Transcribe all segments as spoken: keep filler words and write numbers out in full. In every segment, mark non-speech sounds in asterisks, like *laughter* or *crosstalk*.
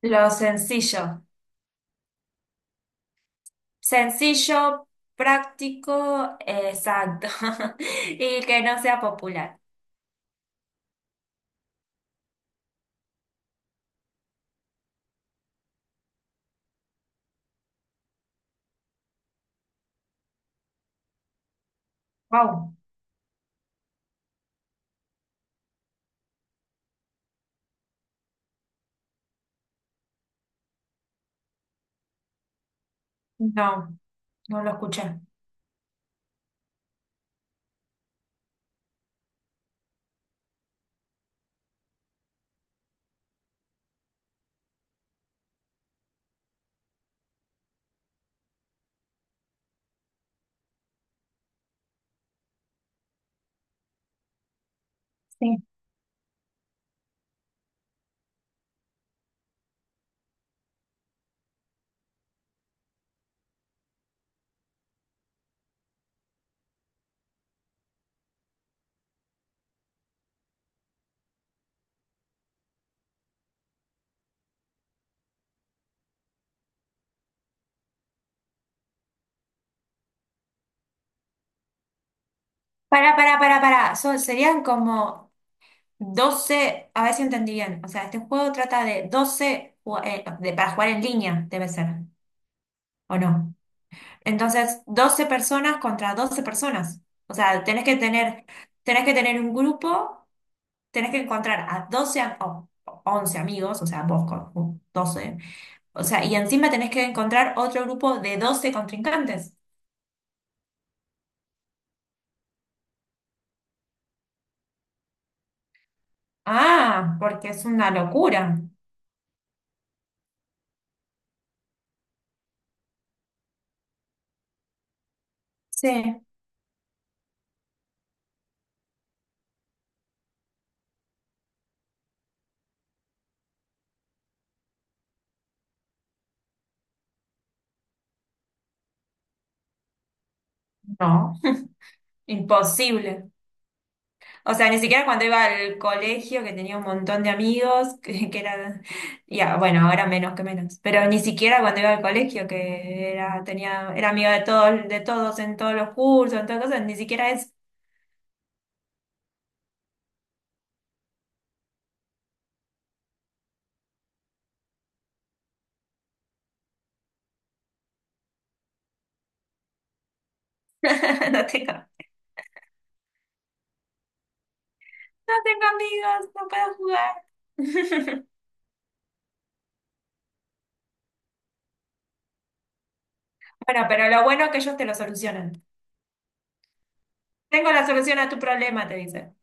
Lo sencillo. Sencillo, práctico, exacto. *laughs* Y que no sea popular. Wow. No, no lo escuché. Sí. Para, para, para, para. Son, serían como doce. A ver si entendí bien. O sea, este juego trata de doce ju- eh, de, para jugar en línea, debe ser, ¿o no? Entonces, doce personas contra doce personas. O sea, tenés que tener, tenés que tener un grupo. Tenés que encontrar a doce am- o once amigos, o sea, vos con con doce, o sea, y encima tenés que encontrar otro grupo de doce contrincantes. Ah, porque es una locura. Sí. No, imposible. O sea, ni siquiera cuando iba al colegio, que tenía un montón de amigos, *laughs* que, que era, ya, bueno, ahora menos que menos, pero ni siquiera cuando iba al colegio, que era, tenía, era amiga de todos, de todos en todos los cursos, en todas cosas, ni siquiera eso. *laughs* No tengo. No tengo amigos, no puedo jugar. *laughs* Bueno, pero lo bueno es que ellos te lo solucionan. Tengo la solución a tu problema, te dicen.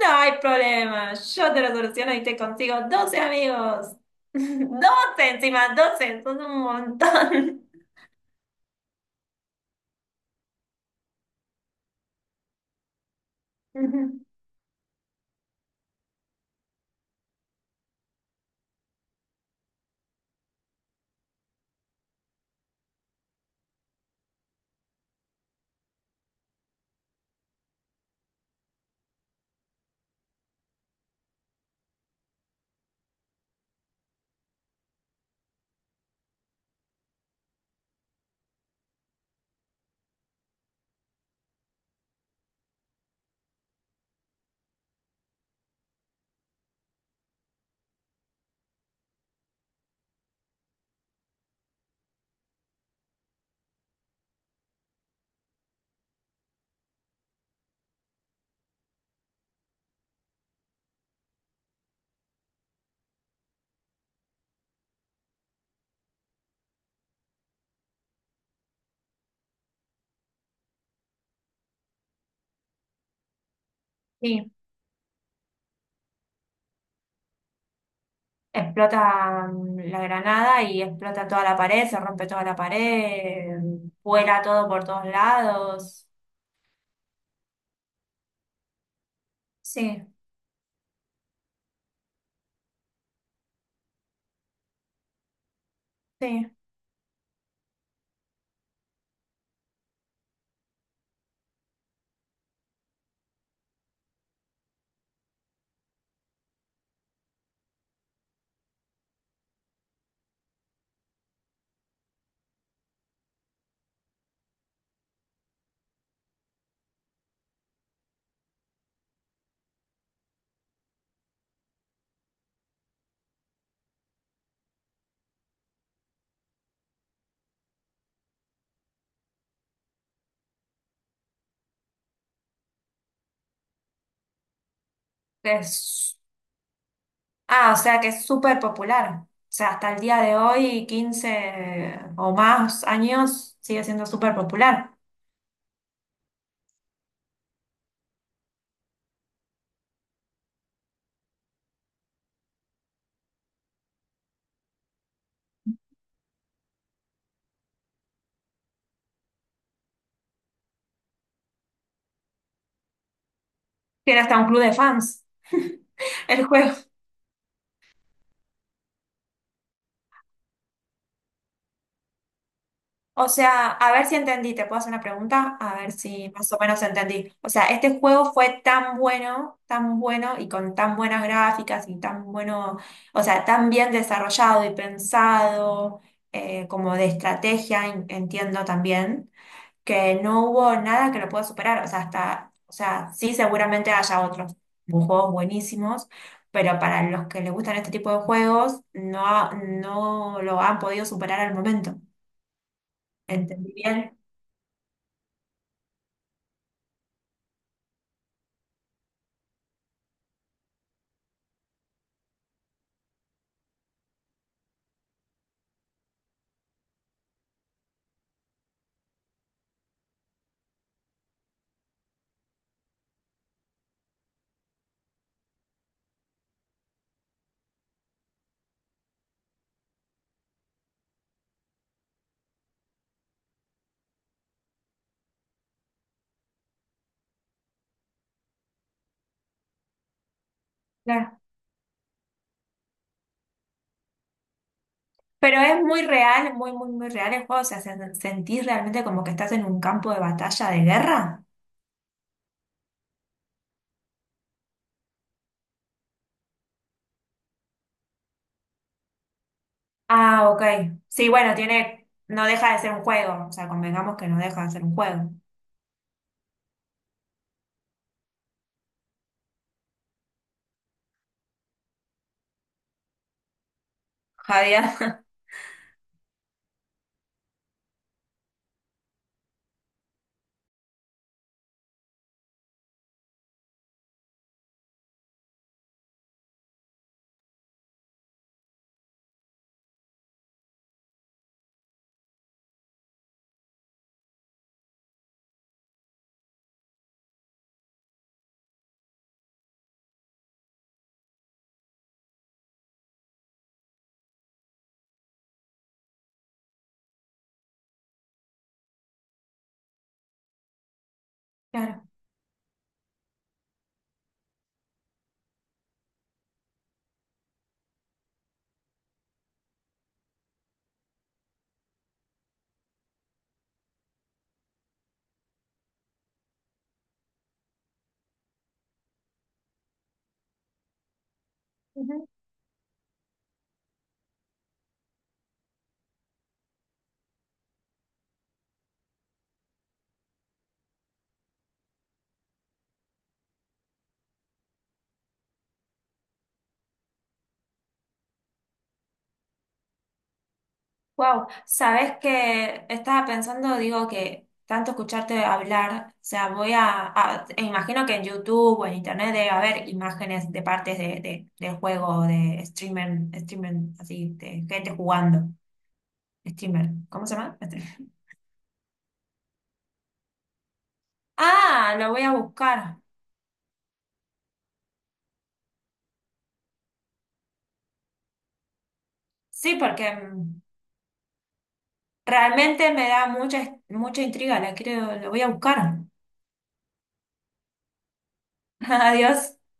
No hay problema, yo te lo soluciono y te consigo doce amigos. *laughs* Doce encima, doce son un montón. *laughs* Ujú. Sí, explota mm, la granada y explota toda la pared, se rompe toda la pared, vuela todo por todos lados. Sí, sí. Es Ah, o sea que es súper popular. O sea, hasta el día de hoy, quince o más años, sigue siendo súper popular. Tiene hasta un club de fans *laughs* el juego. O sea, a ver si entendí, te puedo hacer una pregunta, a ver si más o menos entendí. O sea, este juego fue tan bueno, tan bueno y con tan buenas gráficas y tan bueno, o sea, tan bien desarrollado y pensado, eh, como de estrategia, en- entiendo también que no hubo nada que lo pueda superar. O sea, hasta, o sea, sí, seguramente haya otros juegos buenísimos, pero para los que les gustan este tipo de juegos, no, ha- no lo han podido superar al momento. ¿Entendí bien? Claro. Pero es muy real, muy, muy, muy real el juego. O sea, se- sentís realmente como que estás en un campo de batalla de guerra. Ah, ok. Sí, bueno, tiene, no deja de ser un juego. O sea, convengamos que no deja de ser un juego. Javier. *laughs* Claro. Wow, sabes que estaba pensando, digo que tanto escucharte hablar, o sea, voy a, a- e imagino que en YouTube o en Internet debe haber imágenes de partes de, de- del juego, de streamer, streamer, así, de gente jugando, streamer, ¿cómo se llama? Este. Ah, lo voy a buscar. Sí, porque mm, realmente me da mucha, mucha intriga, la quiero, lo voy a buscar. *laughs* Adiós.